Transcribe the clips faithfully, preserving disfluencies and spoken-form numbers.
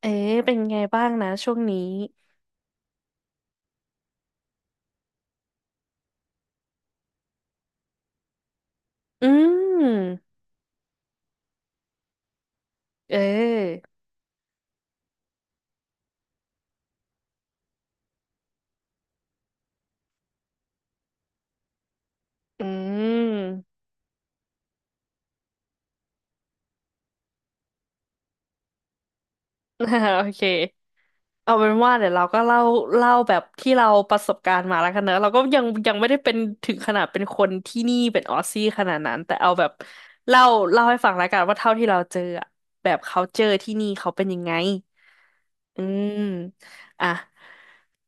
เอ๊ะเป็นไงบ้างนะช่วงนี้อืมเอออืม โอเคเอาเป็นว่าเดี๋ยวเราก็เล่าเล่าแบบที่เราประสบการณ์มาแล้วกันเนอะเราก็ยังยังไม่ได้เป็นถึงขนาดเป็นคนที่นี่เป็นออสซี่ขนาดนั้น แต่เอาแบบเล่าเล่าให้ฟังแล้วกันว่าเท่าที่เราเจออะแบบ culture ที่นี่เขาเป็นยังไง อืมอ่ะ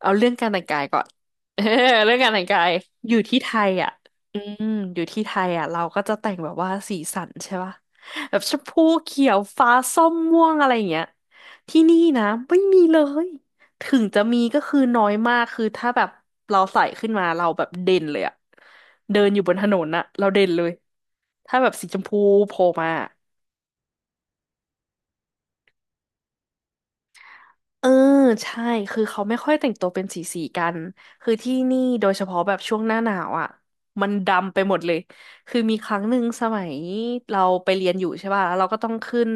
เอาเรื่องการแต่งกายก่อน เออเรื่องการแต่งกายอยู่ที่ไทยอ่ะอืมอยู่ที่ไทยอ่ะเราก็จะแต่งแบบว่าสีสันใช่ป่ะแบบชมพูเขียวฟ้าส้มม่วงอะไรอย่างเงี้ยที่นี่นะไม่มีเลยถึงจะมีก็คือน้อยมากคือถ้าแบบเราใส่ขึ้นมาเราแบบเด่นเลยอ่ะเดินอยู่บนถนนอ่ะเราเด่นเลยถ้าแบบสีชมพูโผล่มา เออใช่คือเขาไม่ค่อยแต่งตัวเป็นสีสีกันคือที่นี่โดยเฉพาะแบบช่วงหน้าหนาวอ่ะมันดำไปหมดเลยคือมีครั้งหนึ่งสมัยเราไปเรียนอยู่ใช่ป่ะแล้วเราก็ต้องขึ้น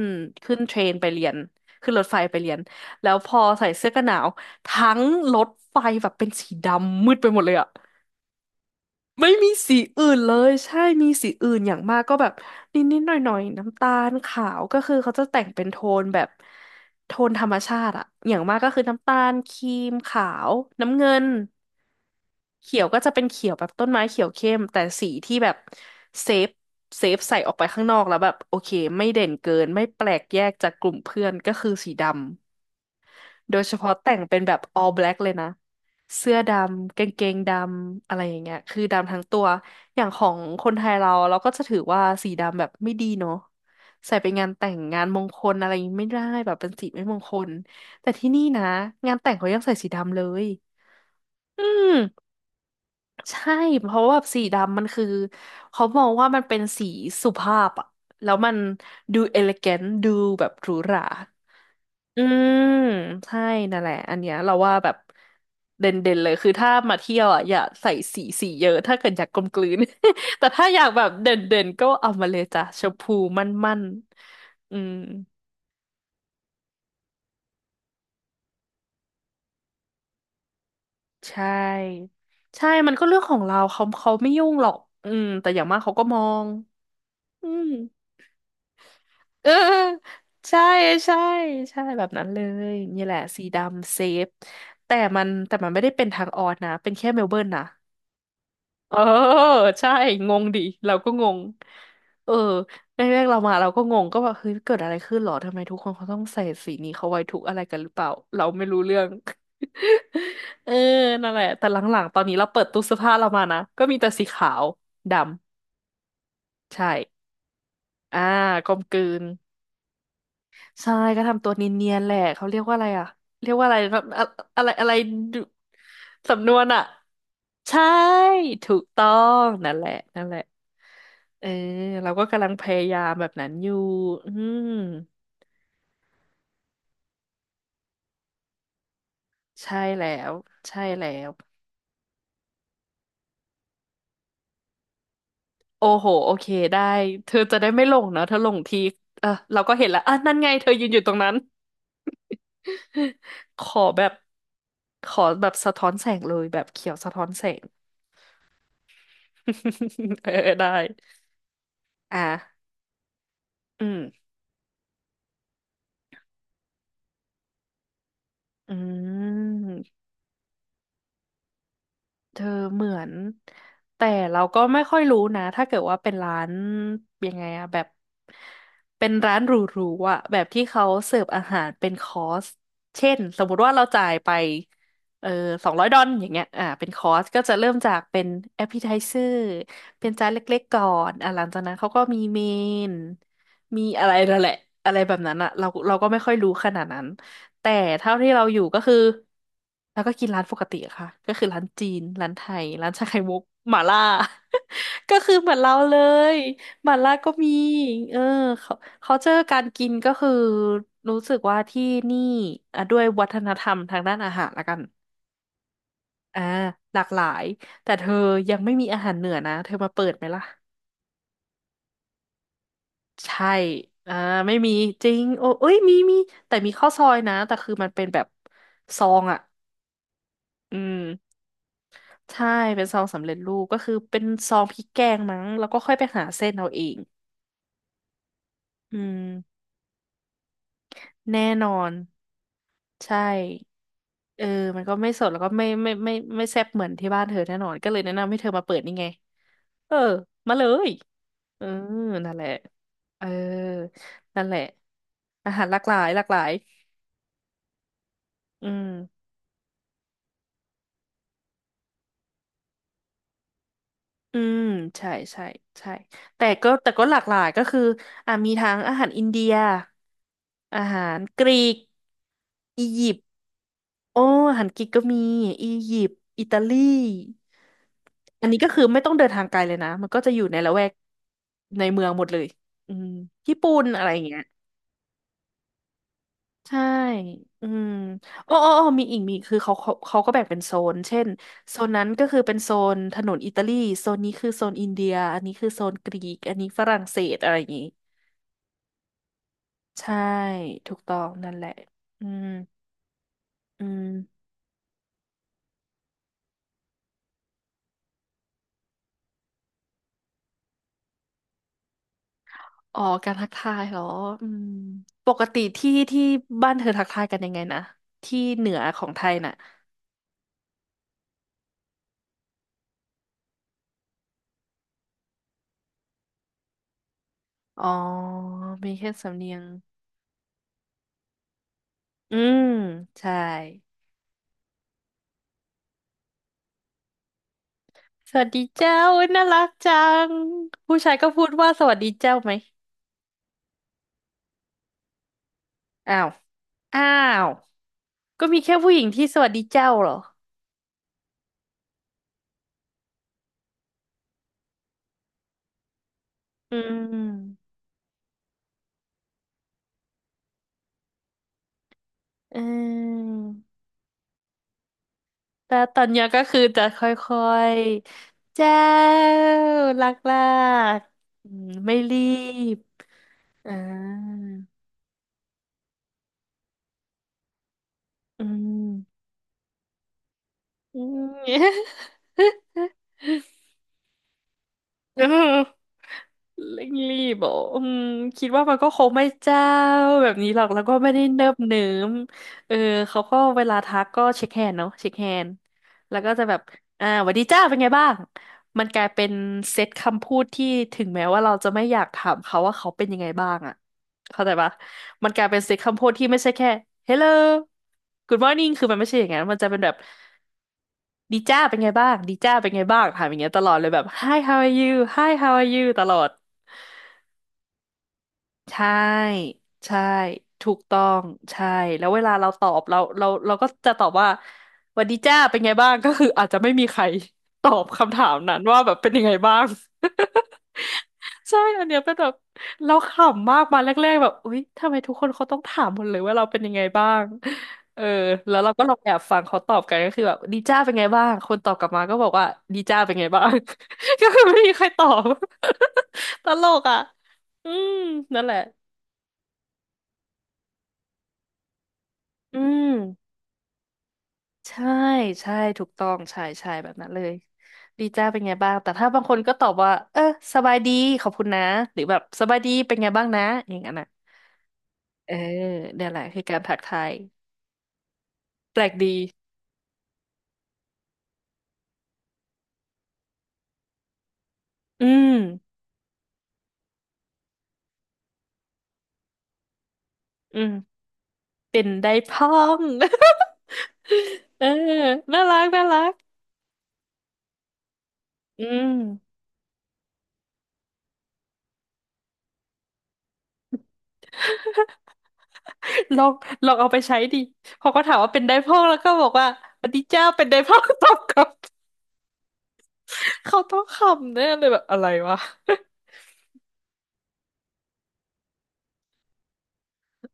ขึ้นเทรนไปเรียนขึ้นรถไฟไปเรียนแล้วพอใส่เสื้อกันหนาวทั้งรถไฟแบบเป็นสีดำมืดไปหมดเลยอ่ะ ไม่มีสีอื่นเลยใช่มีสีอื่นอย่างมากก็แบบนิดๆหน่อยๆน้ำตาลขาวก็คือเขาจะแต่งเป็นโทนแบบโทนธรรมชาติอะอย่างมากก็คือน้ำตาลครีมขาวน้ำเงินเขียวก็จะเป็นเขียวแบบต้นไม้เขียวเข้มแต่สีที่แบบเซฟเซฟใส่ออกไปข้างนอกแล้วแบบโอเคไม่เด่นเกินไม่แปลกแยกจากกลุ่มเพื่อนก็คือสีดำ โดยเฉพาะแต่งเป็นแบบ all black เลยนะเสื้อดำกางเกงดำอะไรอย่างเงี้ยคือดำทั้งตัวอย่างของคนไทยเราเราก็จะถือว่าสีดำแบบไม่ดีเนาะใส่ไปงานแต่งงานมงคลอะไรอย่างงี้ไม่ได้แบบเป็นสีไม่มงคลแต่ที่นี่นะงานแต่งเขายังใส่สีดำเลยอืมใช่เพราะว่าสีดำมันคือเขามองว่ามันเป็นสีสุภาพอะแล้วมันดูเอลิแกนดูแบบหรูหรา อืมใช่นั่นแหละอันเนี้ยเราว่าแบบเด่นเด่นเลยคือถ้ามาเที่ยวอ่ะอย่าใส่สีสีเยอะถ้าเกิดอยากกลมกลืน แต่ถ้าอยากแบบเด่นเด่นก็เอามาเลยจ้ะชมพูมั่นมั่นอืมใช่ใช่มันก็เรื่องของเราเขาเขาไม่ยุ่งหรอกอืมแต่อย่างมากเขาก็มองอืมเออใช่ใช่ใช่แบบนั้นเลยนี่แหละสีดำเซฟแต่มันแต่มันไม่ได้เป็นทางออดนะเป็นแค่เมลเบิร์นนะ เออใช่งงดิเราก็งงเออแรกๆเรามาเราก็งงก็แบบเฮ้ยเกิดอะไรขึ้นหรอทำไมทุกคนเขาต้องใส่สีนี้เขาไว้ทุกอะไรกันหรือเปล่าเราไม่รู้เรื่อง เออนั่นแหละแต่หลังๆตอนนี้เราเปิดตู้เสื้อผ้าเรามานะก็มีแต่สีขาวดำใช่อ่ากลมกลืนใช่ก็ทำตัวเนียนๆแหละเขาเรียกว่าอะไรอ่ะเรียกว่าอะไรแบบอะอะไรอะไรดูสำนวนอ่ะใช่ถูกต้องนั่นแหละนั่นแหละ เออเราก็กำลังพยายามแบบนั้นอยู่อืมใช่แล้วใช่แล้วโอ้โหโอเคได้เธอจะได้ไม่หลงเนอะเธอหลงทีเออเราก็เห็นแล้วอ่ะนั่นไงเธอยืนอยู่ตรงนั้น ขอแบบขอแบบสะท้อนแสงเลยแบบเขียวสะท้อนแสง เออได้อ่ะอืมอืม เธอเหมือนแต่เราก็ไม่ค่อยรู้นะถ้าเกิดว่าเป็นร้านยังไงอะแบบเป็นร้านหรูๆอะแบบที่เขาเสิร์ฟอาหารเป็นคอร์สเช่นสมมุติว่าเราจ่ายไปเออสองร้อยดอลอย่างเงี้ยอ่าเป็นคอร์สก็จะเริ่มจากเป็นแอป e t i ไ e เซอร์เป็นจานเล็กๆก่อนอ่าหลังจากนั้นเขาก็มีเมนมีอะไรนั่นแหละอะไรแบบนั้นอะเราเราก็ไม่ค่อยรู้ขนาดนั้น แต่เท่าที่เราอยู่ก็คือเราก็กินร้านปกติอะค่ะก็คือร้านจีนร้านไทยร้านชาไข่มุกหม่าล่า ก็คือเหมือนเราเลยหม่าล่าก็มีเออเขาเขาเจอการกินก็คือรู้สึกว่าที่นี่อ่ะด้วยวัฒนธรรมทางด้านอาหารละกันอ่าหลากหลายแต่เธอยังไม่มีอาหารเหนือนะเธอมาเปิดไหมล่ะใช่อ่าไม่มีจริงโอ้เอ้ยมีมีแต่มีข้าวซอยนะแต่คือมันเป็นแบบซองอ่ะอืม ใช่เป็นซองสำเร็จรูปก็คือเป็นซองพริกแกงมั้งแล้วก็ค่อยไปหาเส้นเอาเองอืมแน่นอนใช่เออมันก็ไม่สดแล้วก็ไม่ไม่ไม่ไม่ไม่แซ่บเหมือนที่บ้านเธอแน่นอนก็เลยแนะนำให้เธอมาเปิดนี่ไงเออมาเลยเออนั่นแหละเออนั่นแหละอาหารหลากหลายหลากหลายอืม อืมใช่ใช่ใช่แต่ก็แต่ก็หลากหลายก็คืออ่ะมีทั้งอาหารอินเดียอาหารกรีกอียิปต์โอ้อาหารกรีกก็มีอียิปต์อิตาลีอันนี้ก็คือไม่ต้องเดินทางไกลเลยนะมันก็จะอยู่ในละแวกในเมืองหมดเลยอืมญี่ปุ่นอะไรอย่างเงี้ย ใช่ อืมอ้ออ้ออ้อมีอีกมีอีกคือเขาเขาเขาก็แบ่งเป็นโซนเช่นโซนนั้นก็คือเป็นโซนถนนอิตาลีโซนนี้คือโซนอินเดียอันนี้คือโซนกรีก อันนี้ฝรั่งเศสอะไรอย่างงี้ ใช่ถูกต้องนั่นแหละอืมอืมอ๋อการทักทายเหรออืมปกติที่ที่บ้านเธอทักทายกันยังไงนะ ที่เหนือของไทยน่ะอ๋อมีแค่สำเนียงอืมใช่ สวัสดีเจ้าอุ๊ยน่ารักจังผู้ชายก็พูดว่าสวัสดีเจ้าไหมอ้าวอ้าวก็มีแค่ผู้หญิงที่สวัสดีเจ้าเหรออืมอืมแต่ตอนเนี้ยก็คือจะค่อยๆเจ้ารักลากๆอืมไม่รีบอ่าอืมอืม เออเร่งรีบอ่ะอืมคิดว่ามันก็คงไม่เจ้าแบบนี้หรอกแล้วก็ไม่ได้เนิบเนิ่มเออเขาก็เวลาทักก็เช็คแฮนด์เนาะเช็คแฮนด์แล้วก็จะแบบอ่าหวัสดีจ้าเป็นไงบ้างมันกลายเป็นเซตคำพูดที่ถึงแม้ว่าเราจะไม่อยากถามเขาว่าเขาเป็นยังไงบ้างอ่ะ เข้าใจปะ มันกลายเป็นเสียงคำพูดที่ไม่ใช่แค่ hello good morning คือมันไม่ใช่อย่างนั้นมันจะเป็นแบบ ดีจ้าเป็นไงบ้าง ดีจ้าเป็นไงบ้างถามอย่างเงี้ยตลอดเลยแบบ hi how are you hi how are you ตลอด ใช่ใช่ถูกต้องใช่แล้วเวลาเราตอบเราเราเราก็จะตอบว่าหวันดีจ้าเป็นไงบ้างก็คืออาจจะไม่มีใคร ตอบคำถามนั้นว่าแบบเป็นยังไงบ้าง ใช่อันเนี้ยเป็นแบบเราขำมากมาแรกๆแบบอุ๊ยทำไมทุกคนเขาต้องถามหมดเลยว่าเราเป็นยังไงบ้างเออแล้วเราก็ลองแอบฟังเขาตอบกันก็คือแบบดีจ้าเป็นไงบ้างคนตอบกลับมาก็บอกว่าดีจ้าเป็นไงบ้าง ก็คือไม่มีใครตอบ ตลกอ่ะอืมนั่นแหละ อืมใช่ใช่ถูกต้องใช่ใช่แบบนั้นเลยดีจ้าเป็นไงบ้างแต่ถ้าบางคนก็ตอบว่าเออสบายดีขอบคุณนะหรือแบบสบายดีเป็นไงบ้างนะอย่างนั้นอ่ะเออเนี่ยแหละคือการทักทายแปลกดีอืมอืมเป็นได้พ้อง เออน่ารักน่ารักอืมลองลองเอาไปใช้ดิพอเขาถามว่าเป็นได้พ้องแล้วก็บอกว่าสวัสดีเจ้าเป็นได้พ้อง ตอบกลับเขาต้องขำแน่เลยแบบอะไรวะ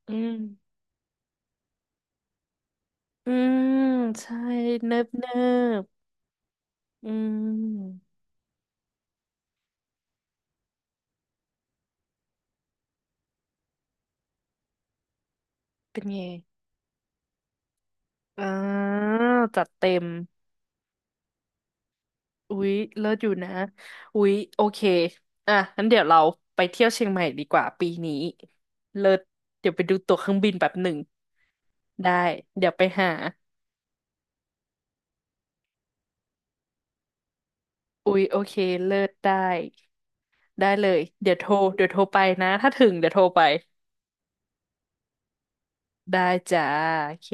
อืม อืมใช่เนิบเนิบอืมเป็นไงอ่าจัดเต็มอุ๊ยเลิศอยู่นะอุ๊ยโอเคอ่ะงั้นเดี๋ยวเราไปเที่ยวเชียงใหม่ดีกว่าปีนี้เลิศเดี๋ยวไปดูตั๋วเครื่องบินแบบหนึ่งได้เดี๋ยวไปหาอุ๊ยโอเคเลิศได้ได้เลยเดี๋ยวโทรเดี๋ยวโทรไปนะถ้าถึงเดี๋ยวโทรไปได้จ้าโอเค